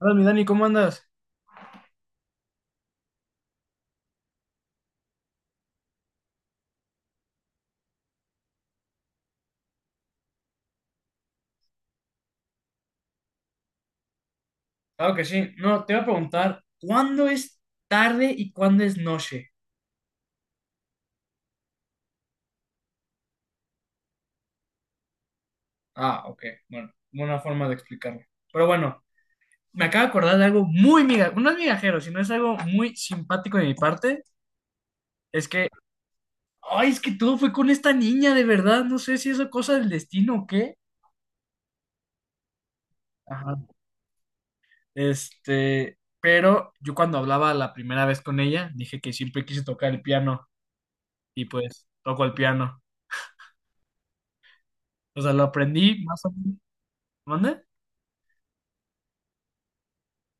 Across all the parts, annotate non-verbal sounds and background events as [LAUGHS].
Hola, mi Dani, ¿cómo andas? Claro que sí. No, te iba a preguntar, ¿cuándo es tarde y cuándo es noche? Ah, ok. Bueno, buena forma de explicarlo. Pero bueno, me acabo de acordar de algo muy miga, no es migajero, sino es algo muy simpático de mi parte. Es que, ay, es que todo fue con esta niña, de verdad. No sé si es cosa del destino o qué. Ajá. Este, pero yo cuando hablaba la primera vez con ella, dije que siempre quise tocar el piano y pues toco el piano. O sea, lo aprendí más o menos. ¿Mande?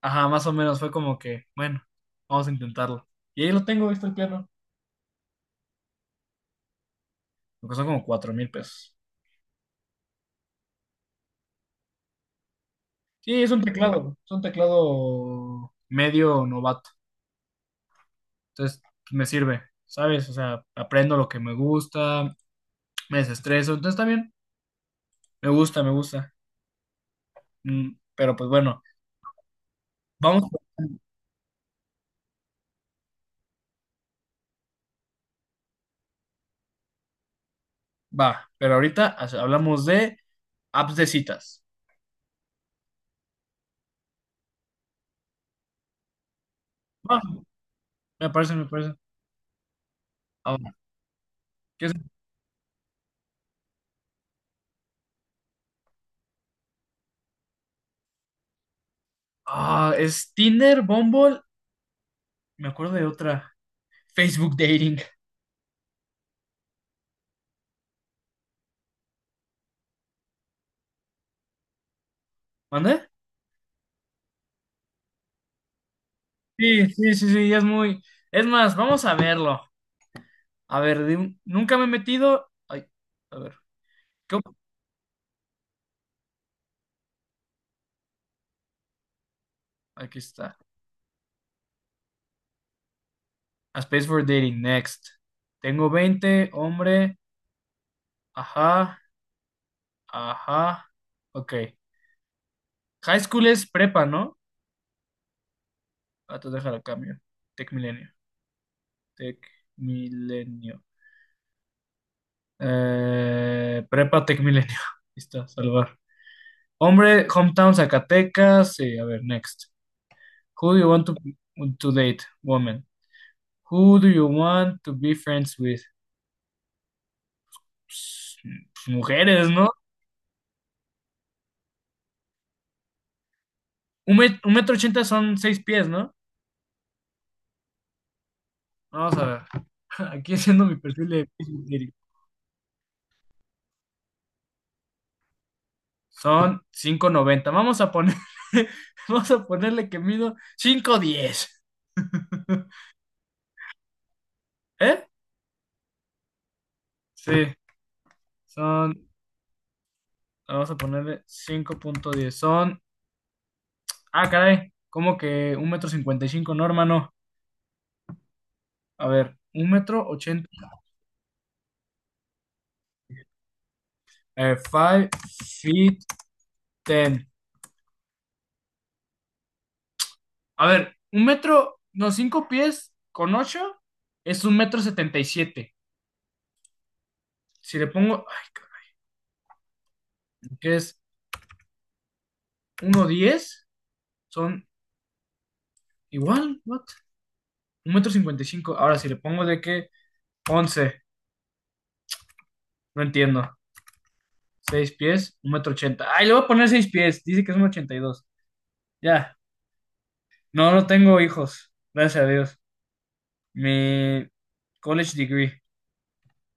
Ajá, más o menos fue como que, bueno, vamos a intentarlo. Y ahí lo tengo, ahí está el piano. Me costó como $4,000. Sí, es un teclado medio novato. Entonces, me sirve, ¿sabes? O sea, aprendo lo que me gusta, me desestreso. Entonces, está bien, me gusta, me gusta. Pero pues bueno, vamos, va. Pero ahorita hablamos de apps de citas. Va, me parece, me parece. Ahora, ¿qué es? Ah, es Tinder, Bumble, me acuerdo de otra. Facebook Dating. ¿Mande? Sí, sí, sí, sí, es muy... Es más, vamos a verlo. A ver, nunca me he metido... Ay, a ver, ¿qué op- Aquí está. A Space for Dating, next. Tengo 20 hombre. Ajá, ajá. Ok. High school es prepa, ¿no? Ah, te dejar a cambio. Tech Milenio. Tech Milenio. Prepa Tech Milenio. [LAUGHS] Listo, salvar. Hombre, hometown Zacatecas. Sí, a ver, next. Who do you want to, to date? Woman. Who do you want to be friends with? Pues, mujeres, ¿no? Un metro ochenta son seis pies, ¿no? Vamos a ver. [LAUGHS] Aquí haciendo mi perfil de Facebook Diario. Son cinco noventa. Vamos a poner, [LAUGHS] vamos a ponerle que mido cinco diez. [LAUGHS] ¿Eh? Sí, son, vamos a ponerle cinco punto diez. Son, ah, caray, como que un metro 55, no, hermano. A ver, un metro 80. 5 feet ten. A ver, un metro, no, cinco pies con ocho es un metro setenta y siete. Si le pongo, ay, cabrón, que es uno diez, son igual, what? Un metro cincuenta y cinco. Ahora, si le pongo de que 11, no entiendo. Seis pies, un metro ochenta. Ay, le voy a poner seis pies, dice que es un ochenta y dos. Ya, no, no tengo hijos, gracias a Dios. Mi college degree,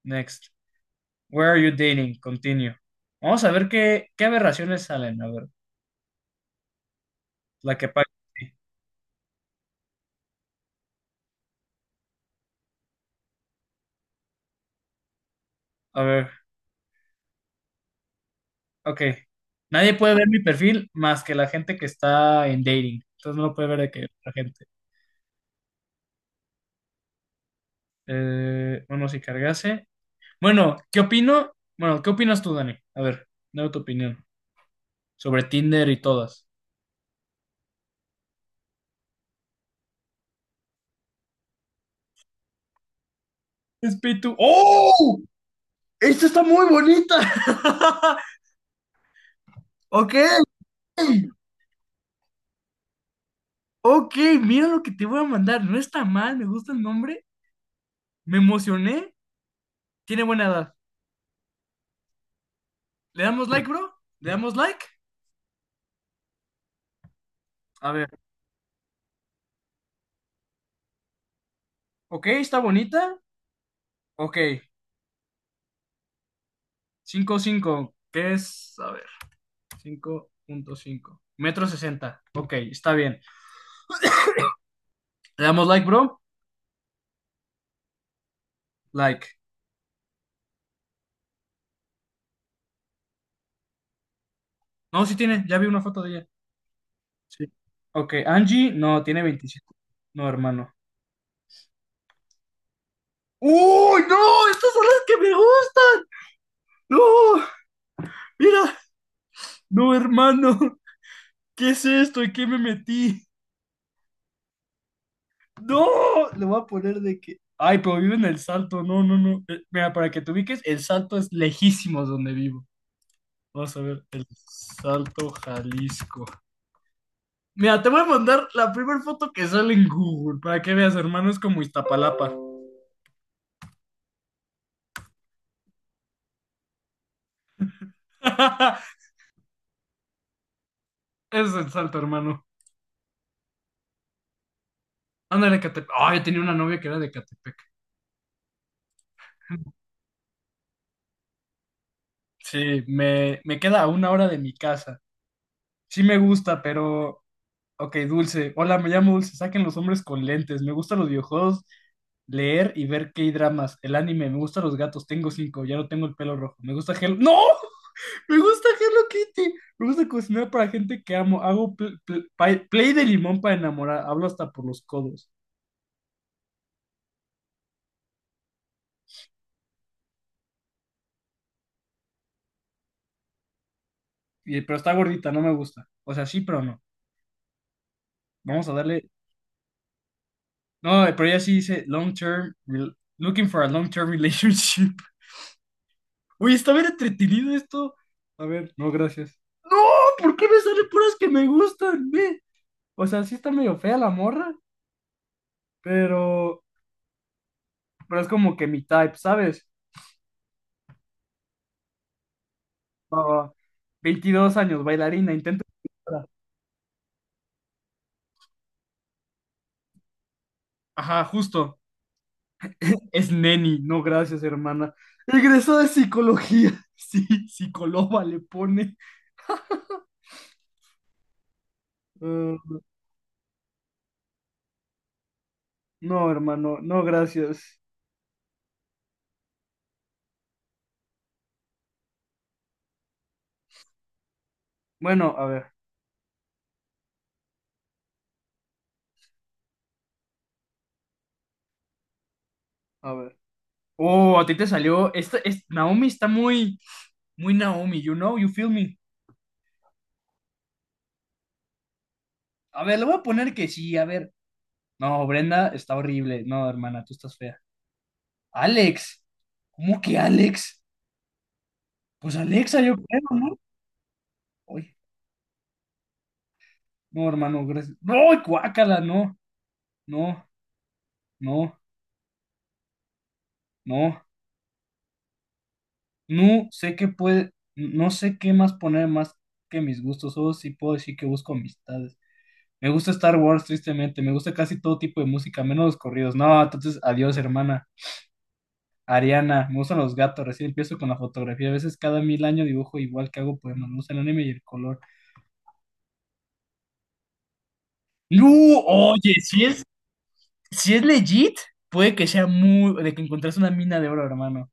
next. Where are you dating? Continue. Vamos a ver qué aberraciones salen, a ver, la que pague. A ver, ok. Nadie puede ver mi perfil más que la gente que está en dating. Entonces no lo puede ver de que la gente. Bueno, si cargase. Bueno, ¿qué opino? Bueno, ¿qué opinas tú, Dani? A ver, dame tu opinión sobre Tinder y todas. Espíritu. ¡Oh! Esta está muy bonita. [LAUGHS] Ok, ok, mira lo que te voy a mandar. No está mal, me gusta el nombre. Me emocioné. Tiene buena edad. ¿Le damos like, bro? ¿Le damos like? A ver, ok, está bonita. Ok, cinco, cinco, ¿qué es? A ver, cinco punto cinco. Metro 60. Ok, está bien. Le damos like, bro. Like. No, sí tiene, ya vi una foto de ella. Sí. Ok, Angie, no, tiene 27. No, hermano. ¡Uy, no! Estas son las que me gustan. No, mira. No, hermano. ¿Qué es esto? ¿Y qué me metí? No, le voy a poner de que... Ay, pero vive en El Salto. No, no, no. Mira, para que te ubiques, El Salto es lejísimos donde vivo. Vamos a ver, el Salto Jalisco. Mira, te voy a mandar la primera foto que sale en Google para que veas, hermano, es como Iztapalapa. [LAUGHS] Ese es el salto, hermano. Ándale, Catepec. Ay, tenía una novia que era de Catepec. Sí, me queda a 1 hora de mi casa. Sí me gusta, pero... Ok, Dulce. Hola, me llamo Dulce. Saquen los hombres con lentes. Me gustan los videojuegos, leer y ver K-dramas. El anime, me gustan los gatos. Tengo cinco, ya no tengo el pelo rojo. Me gusta Hello. ¡No! Me gusta Hello Kitty. Me gusta cocinar para gente que amo. Hago play de limón para enamorar. Hablo hasta por los codos. Y- pero está gordita, no me gusta. O sea, sí, pero no. Vamos a darle. No, pero ella sí dice long term, looking for a long term relationship. [LAUGHS] Oye, está bien entretenido esto. A ver, no, gracias. No, ¿por qué me salen puras que me gustan? Ve? O sea, sí está medio fea la morra, pero, pero es como que mi type, ¿sabes? Va, va. 22 años, bailarina, intento. Ajá, justo. Es neni, no gracias, hermana. Egresó de psicología. [LAUGHS] Sí, psicóloga le pone. Eh, no, hermano, no gracias. Bueno, a ver, a ver. Oh, a ti te salió. Esta, es, Naomi está muy, muy Naomi, you know, you feel me. A ver, le voy a poner que sí, a ver. No, Brenda está horrible. No, hermana, tú estás fea. Alex, ¿cómo que Alex? Pues Alexa, yo creo, ¿no? Uy, no, hermano, gracias. No, guácala, no, no, no, no. No sé qué puede, no sé qué más poner más que mis gustos, solo sí puedo decir que busco amistades. Me gusta Star Wars, tristemente, me gusta casi todo tipo de música, menos los corridos. No, entonces, adiós, hermana. Ariana, me gustan los gatos, recién empiezo con la fotografía. A veces cada mil años dibujo igual que hago poemas, me gusta el anime y el color. No, oye, si es legit, puede que sea muy, de que encontrés una mina de oro, hermano.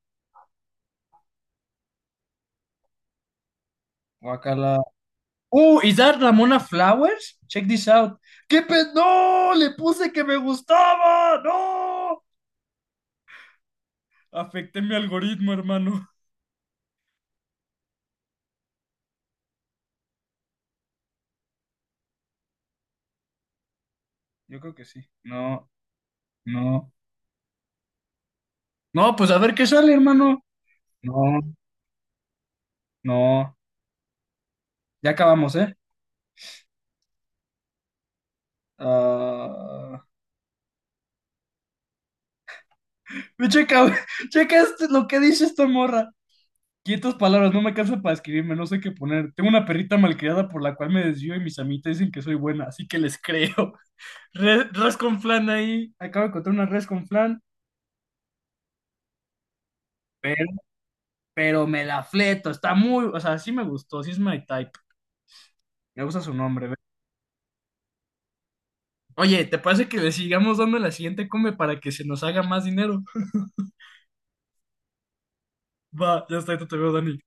Guacala. Oh, is that Ramona Flowers? Check this out. ¡Qué pe... ¡No! Le puse que me gustaba. ¡No! Afecté mi algoritmo, hermano. Yo creo que sí. No, no. No, pues a ver qué sale, hermano. No, no. Ya acabamos, ¿eh? Ah, Ve, Checa, [LAUGHS] checa este, lo que dice esta morra. 500 palabras, no me cansa para escribirme, no sé qué poner. Tengo una perrita malcriada por la cual me desvío y mis amitas dicen que soy buena, así que les creo. Re- res con flan ahí. Acabo de encontrar una res con flan, pero, pero me la fleto. Está muy, o sea, sí me gustó, sí es my type. Me gusta su nombre, ve. Oye, ¿te parece que le sigamos dando la siguiente come para que se nos haga más dinero? [LAUGHS] Va, ya está, ahí te veo, Dani.